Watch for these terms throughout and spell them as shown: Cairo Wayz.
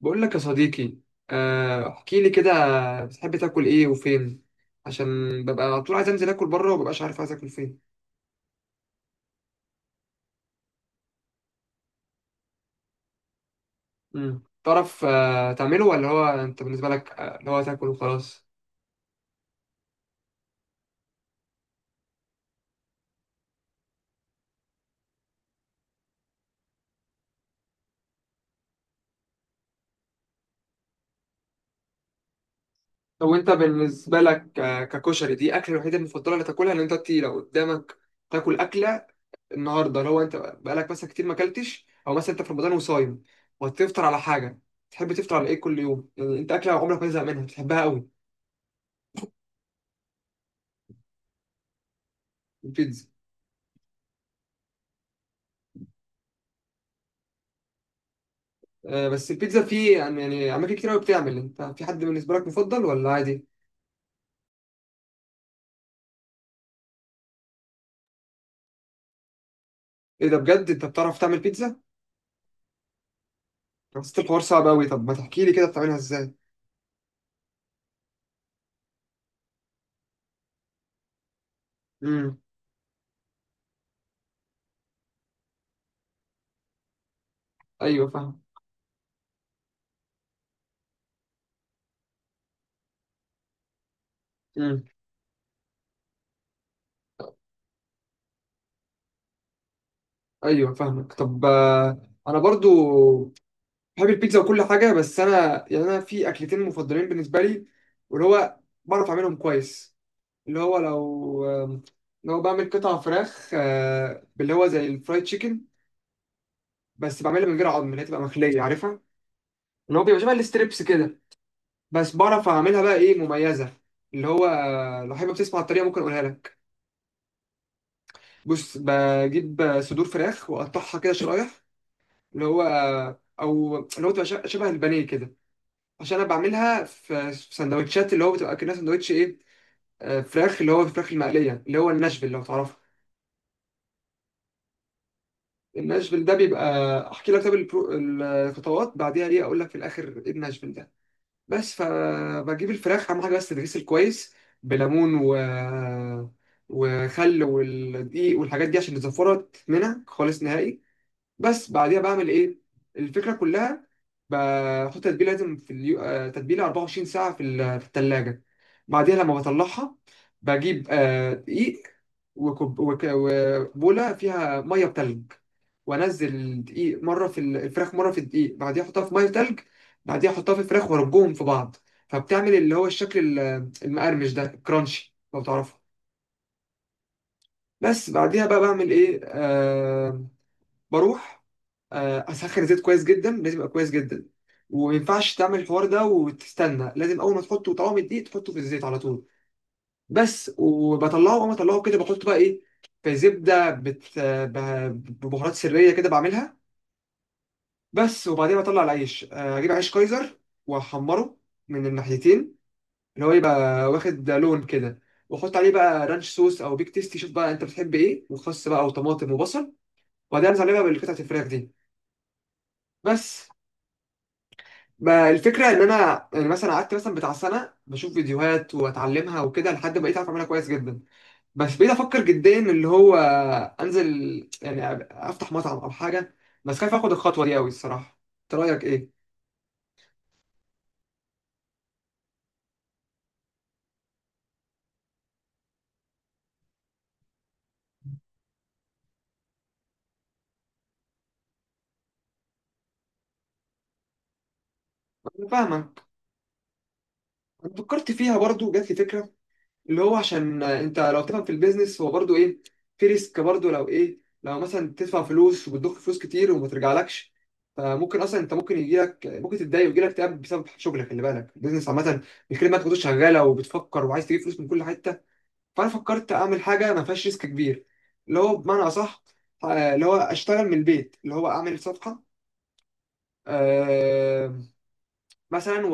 بقول لك يا صديقي. احكي لي كده. بتحب تاكل ايه وفين؟ عشان ببقى على طول عايز انزل اكل بره ومببقاش عارف عايز اكل فين. مم. تعرف تعمله ولا هو انت بالنسبه لك، اللي هو تاكل وخلاص؟ لو انت بالنسبه لك، ككشري دي اكله الوحيده المفضله اللي تاكلها، ان انت لو قدامك تاكل اكله النهارده، اللي هو انت بقالك مثلا كتير ما اكلتش، او مثلا انت في رمضان وصايم وهتفطر على حاجه، تحب تفطر على ايه كل يوم؟ يعني انت اكله عمرك ما تزهق منها بتحبها قوي؟ البيتزا. بس البيتزا في يعني اماكن كتير قوي بتعمل. انت في حد بالنسبه لك مفضل ولا عادي؟ ايه ده؟ بجد انت بتعرف تعمل بيتزا؟ حسيت الحوار صعب قوي. طب ما تحكي لي كده بتعملها ازاي؟ امم ايوه فاهم. امم ايوه فاهمك. طب انا برضو بحب البيتزا وكل حاجه. بس انا يعني انا في اكلتين مفضلين بالنسبه لي، واللي هو بعرف اعملهم كويس. اللي هو لو لو بعمل قطع فراخ، باللي هو زي الفرايد تشيكن، بس بعملها من غير عظم، اللي هي تبقى مخليه عارفها. اللي هو بيبقى شبه الستريبس كده، بس بعرف اعملها بقى ايه مميزه. اللي هو لو حابب تسمع الطريقه ممكن اقولها لك. بص بجيب صدور فراخ واقطعها كده شرايح. اللي هو او اللي هو تبقى شبه البانيه كده. عشان انا بعملها في سندوتشات، اللي هو بتبقى كأنها سندوتش ايه، فراخ، اللي هو الفراخ المقليه، اللي هو الناشفيل لو تعرفها. الناشفيل ده بيبقى، احكي لك طب الخطوات بعديها ايه، اقول لك في الاخر ايه الناشفيل ده. بس فبجيب الفراخ، اهم حاجه بس تتغسل كويس بليمون وخل والدقيق والحاجات دي، عشان الزفرة تتمنع خالص نهائي. بس بعديها بعمل ايه. الفكره كلها بحط تتبيله، لازم في اليو... آه، تتبيله 24 ساعه في الثلاجه. بعديها لما بطلعها بجيب دقيق وبوله فيها ميه بتلج. وانزل الدقيق مره الفراخ، مره في الدقيق، بعديها احطها في ميه تلج. بعديها احطها في الفراخ وارجهم في بعض، فبتعمل اللي هو الشكل المقرمش ده، الكرانشي لو تعرفه. بس بعديها بقى بعمل ايه. بروح اسخن الزيت كويس جدا، لازم يبقى كويس جدا. وما ينفعش تعمل الحوار ده وتستنى، لازم اول ما تحطه طعام الدقيق تحطه في الزيت على طول. بس. وبطلعه، اول ما اطلعه كده بحطه بقى ايه، في زبده ببهارات سريه كده بعملها. بس. وبعدين بطلع العيش، اجيب عيش كايزر واحمره من الناحيتين، اللي هو يبقى واخد لون كده. واحط عليه بقى رانش صوص او بيك تيستي، شوف بقى انت بتحب ايه، وخس بقى وطماطم وبصل، وبعدين انزل عليه بقى بالقطعه الفراخ دي. بس. ما الفكره ان انا يعني مثلا قعدت مثلا بتاع سنه بشوف فيديوهات واتعلمها وكده، لحد ما بقيت اعرف اعملها كويس جدا. بس بقيت افكر جديا اللي هو انزل يعني افتح مطعم او حاجه. بس خايف اخد الخطوه دي قوي الصراحه. انت رايك ايه؟ انا فاهمك. انا فكرت فيها برضو، جات لي فكره. اللي هو عشان انت لو تفهم في البيزنس هو برضو ايه، في ريسك برضو، لو ايه، لو مثلا تدفع فلوس وبتضخ فلوس كتير وما ترجعلكش. فممكن اصلا انت ممكن يجيلك، ممكن تتضايق ويجيلك اكتئاب بسبب شغلك. خلي بالك البيزنس عامه. الكلمه انت كنت شغاله وبتفكر وعايز تجيب فلوس من كل حته، فانا فكرت اعمل حاجه ما فيهاش ريسك كبير. اللي هو بمعنى اصح، اللي هو اشتغل من البيت، اللي هو اعمل صفحه آه، مثلا،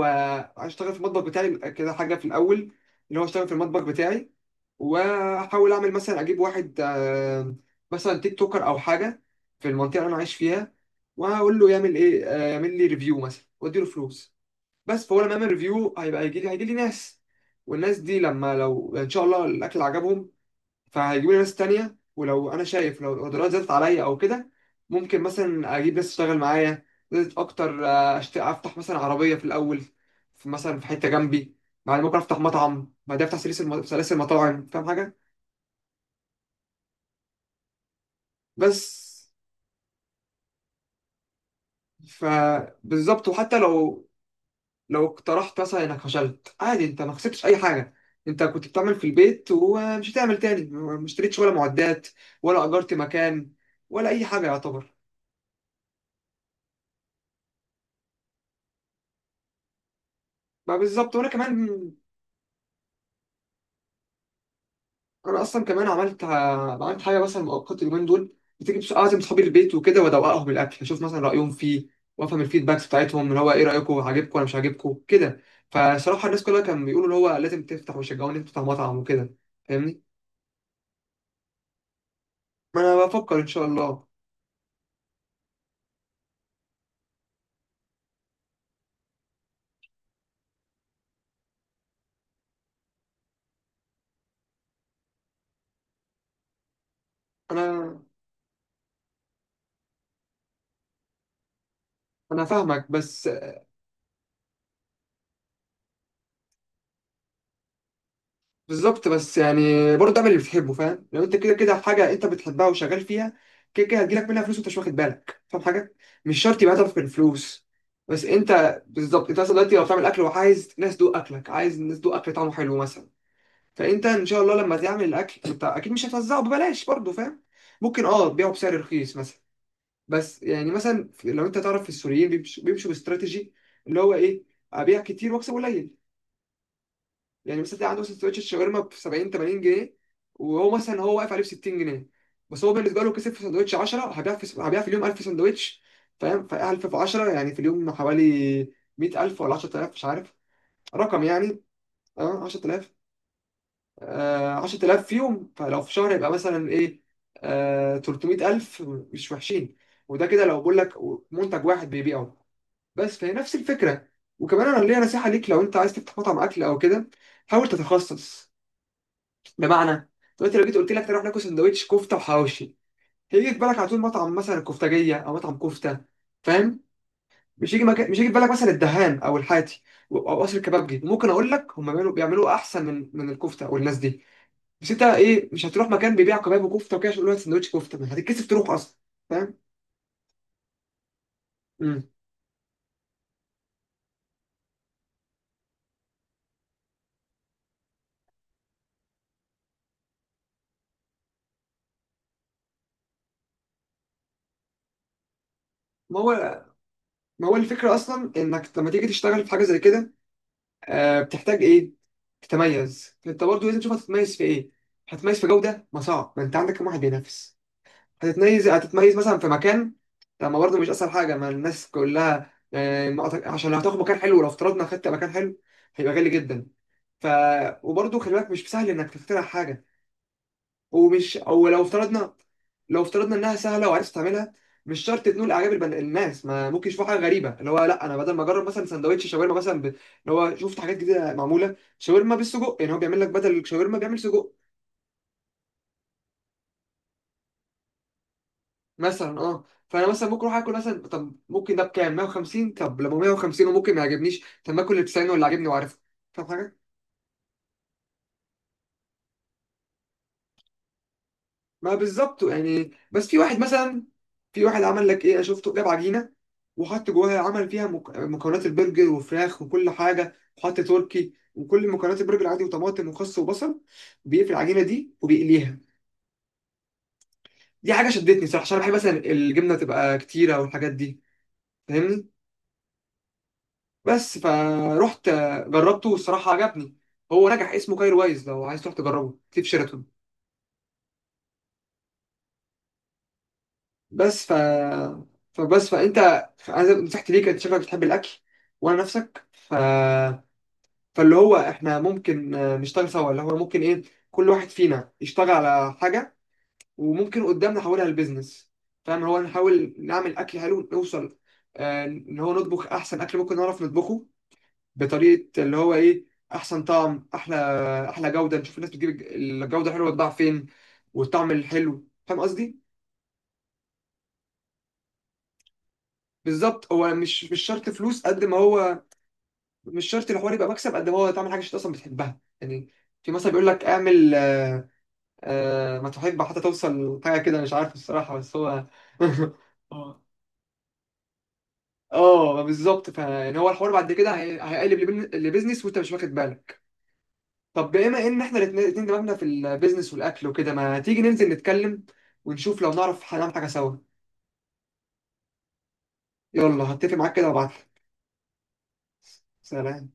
واشتغل في المطبخ بتاعي كده، حاجه في الاول. اللي هو اشتغل في المطبخ بتاعي، واحاول اعمل مثلا، اجيب واحد مثلا تيك توكر او حاجه، في المنطقه اللي انا عايش فيها. وهقول له يعمل ايه، يعمل لي ريفيو مثلا واديله فلوس. بس. فهو لما يعمل ريفيو هيبقى هيجي لي ناس. والناس دي لما، لو ان شاء الله الاكل عجبهم، فهيجيبوا لي ناس تانية. ولو أنا شايف لو الأوردرات زادت عليا أو كده، ممكن مثلا أجيب ناس تشتغل معايا. زادت أكتر، أفتح مثلا عربية في الأول، مثلا في حتة جنبي. بعد ممكن أفتح مطعم، بعد أفتح سلاسل سلاسل مطاعم. فاهم حاجة؟ بس. فبالظبط. وحتى لو اقترحت مثلا إنك فشلت، عادي أنت ما خسرتش أي حاجة. أنت كنت بتعمل في البيت ومش هتعمل تاني، ما اشتريتش ولا معدات، ولا أجرت مكان، ولا أي حاجة يعتبر. ما بالظبط. وانا كمان، انا اصلا كمان عملت حاجه مثلا مؤقت اليومين دول، بتيجي اعزم صحابي البيت وكده وادوقهم الاكل، اشوف مثلا رايهم فيه، وافهم الفيدباكس بتاعتهم، اللي هو ايه رايكم، عاجبكم ولا مش عاجبكم كده. فصراحه الناس كلها كانوا بيقولوا اللي هو لازم تفتح ويشجعوني تفتح مطعم وكده. فاهمني؟ ما انا بفكر ان شاء الله. انا انا فاهمك. بس بالظبط بس يعني، برضه اعمل اللي بتحبه. فاهم لو انت كده كده في حاجه انت بتحبها وشغال فيها، كده كده هتجيلك منها فلوس وانت مش واخد بالك. فاهم حاجه؟ مش شرط يبقى هدفك الفلوس. بس انت بالظبط. انت مثلا دلوقتي لو بتعمل اكل وعايز ناس تدوق اكلك، عايز الناس تدوق اكل طعمه حلو مثلا. فانت ان شاء الله لما تعمل الاكل انت اكيد مش هتوزعه ببلاش برضه، فاهم؟ ممكن اه تبيعه بسعر رخيص مثلا. بس يعني، مثلا لو انت تعرف السوريين بيمشوا باستراتيجي، اللي هو ايه، ابيع كتير واكسب قليل. يعني مثلا تلاقي عنده مثلا سندوتش الشاورما ب 70 80 جنيه، وهو مثلا هو واقف عليه ب 60 جنيه. بس هو بالنسبه له كسب في سندوتش 10. هبيع في اليوم 1000 سندوتش. فاهم؟ ف 1000 في 10 يعني في اليوم حوالي 100000 ولا 10000، مش عارف رقم يعني. اه 10000. 10000 في يوم، فلو في شهر يبقى مثلا ايه، 300000، مش وحشين. وده كده لو بقول لك منتج واحد بيبيعه. بس فهي نفس الفكره. وكمان انا ليا نصيحه ليك. لو انت عايز تفتح مطعم اكل او كده، حاول تتخصص. بمعنى، دلوقتي لو جيت قلت لك تروح ناكل سندوتش كفته وحواوشي، هيجي في بالك على طول مطعم مثلا كفتاجيه او مطعم كفته. فاهم؟ مش هيجي مكان، مش هيجي في بالك مثلا الدهان او الحاتي، او قصر الكبابجي. ممكن اقول لك هم بيعملوا احسن من الكفته والناس دي. بس انت ايه، مش هتروح مكان بيبيع كباب وكفته وكده عشان يقول لك سندوتش كفته، ما هتتكسف تروح اصلا. فاهم؟ امم ما هو ما هو الفكره اصلا، انك لما تيجي تشتغل في حاجه زي كده، بتحتاج ايه، تتميز. انت برضه لازم تشوف هتتميز في ايه. هتتميز في جوده، ما صعب، ما انت عندك كام واحد بينافس. هتتميز مثلا في مكان. طب ما برضه مش اسهل حاجه، ما الناس كلها آه، ما أعتق- عشان لو هتاخد مكان حلو، لو افترضنا خدت مكان حلو هيبقى غالي جدا. ف وبرضه خلي بالك مش سهل انك تخترع حاجه. ومش او لو افترضنا انها سهله وعرفت تعملها، مش شرط تنول اعجاب الناس، ما ممكن يشوفوا حاجه غريبه اللي هو لا، انا بدل ما اجرب مثلا سندوتش شاورما مثلا اللي هو شفت حاجات جديده معموله شاورما بالسجق، يعني هو بيعمل لك بدل الشاورما بيعمل سجق مثلا، اه. فانا مثلا ممكن اروح اكل مثلا، طب ممكن ده بكام، 150؟ طب لما 150 وممكن ما يعجبنيش، طب ما اكل اللي ب 90 واللي عاجبني وعارفه. فاهم حاجه؟ ما بالظبط يعني. بس في واحد مثلا، في واحد عمل لك ايه، انا شفته جاب عجينه وحط جواها، عمل فيها مكونات البرجر وفراخ وكل حاجه، وحط تركي وكل مكونات البرجر عادي، وطماطم وخس وبصل، بيقفل العجينه دي وبيقليها. دي حاجه شدتني صراحه عشان انا بحب مثلا الجبنه تبقى كتيره والحاجات دي. فاهمني؟ بس فروحت جربته والصراحة عجبني. هو نجح، اسمه كايرو وايز، لو عايز تروح تجربه في شيراتون. بس. ف فبس فانت، انا نصيحتي ليك، انت شكلك بتحب الاكل وانا نفسك. ف فاللي هو احنا ممكن نشتغل سوا، اللي هو ممكن ايه، كل واحد فينا يشتغل على حاجة، وممكن قدام نحولها لبزنس. فاهم؟ هو نحاول نعمل اكل حلو، نوصل ان هو نطبخ احسن اكل ممكن نعرف نطبخه، بطريقه اللي هو ايه، احسن طعم، احلى جوده. نشوف الناس بتجيب الجوده حلوه تضاع فين، والطعم الحلو. فاهم قصدي؟ بالظبط. هو مش شرط فلوس قد ما هو، مش شرط الحوار يبقى مكسب قد ما هو تعمل حاجه انت اصلا بتحبها يعني. في مثلا بيقول لك اعمل ما تحب حتى توصل حاجه كده مش عارف الصراحه. بس هو اه اه بالظبط. فان هو الحوار بعد كده هيقلب لبيزنس وانت مش واخد بالك. طب بما ان احنا الاتنين دماغنا في البيزنس والاكل وكده، ما تيجي ننزل نتكلم ونشوف لو نعرف هنعمل حاجه سوا. يلا، هتفق معاك كده وابعتلك. سلام.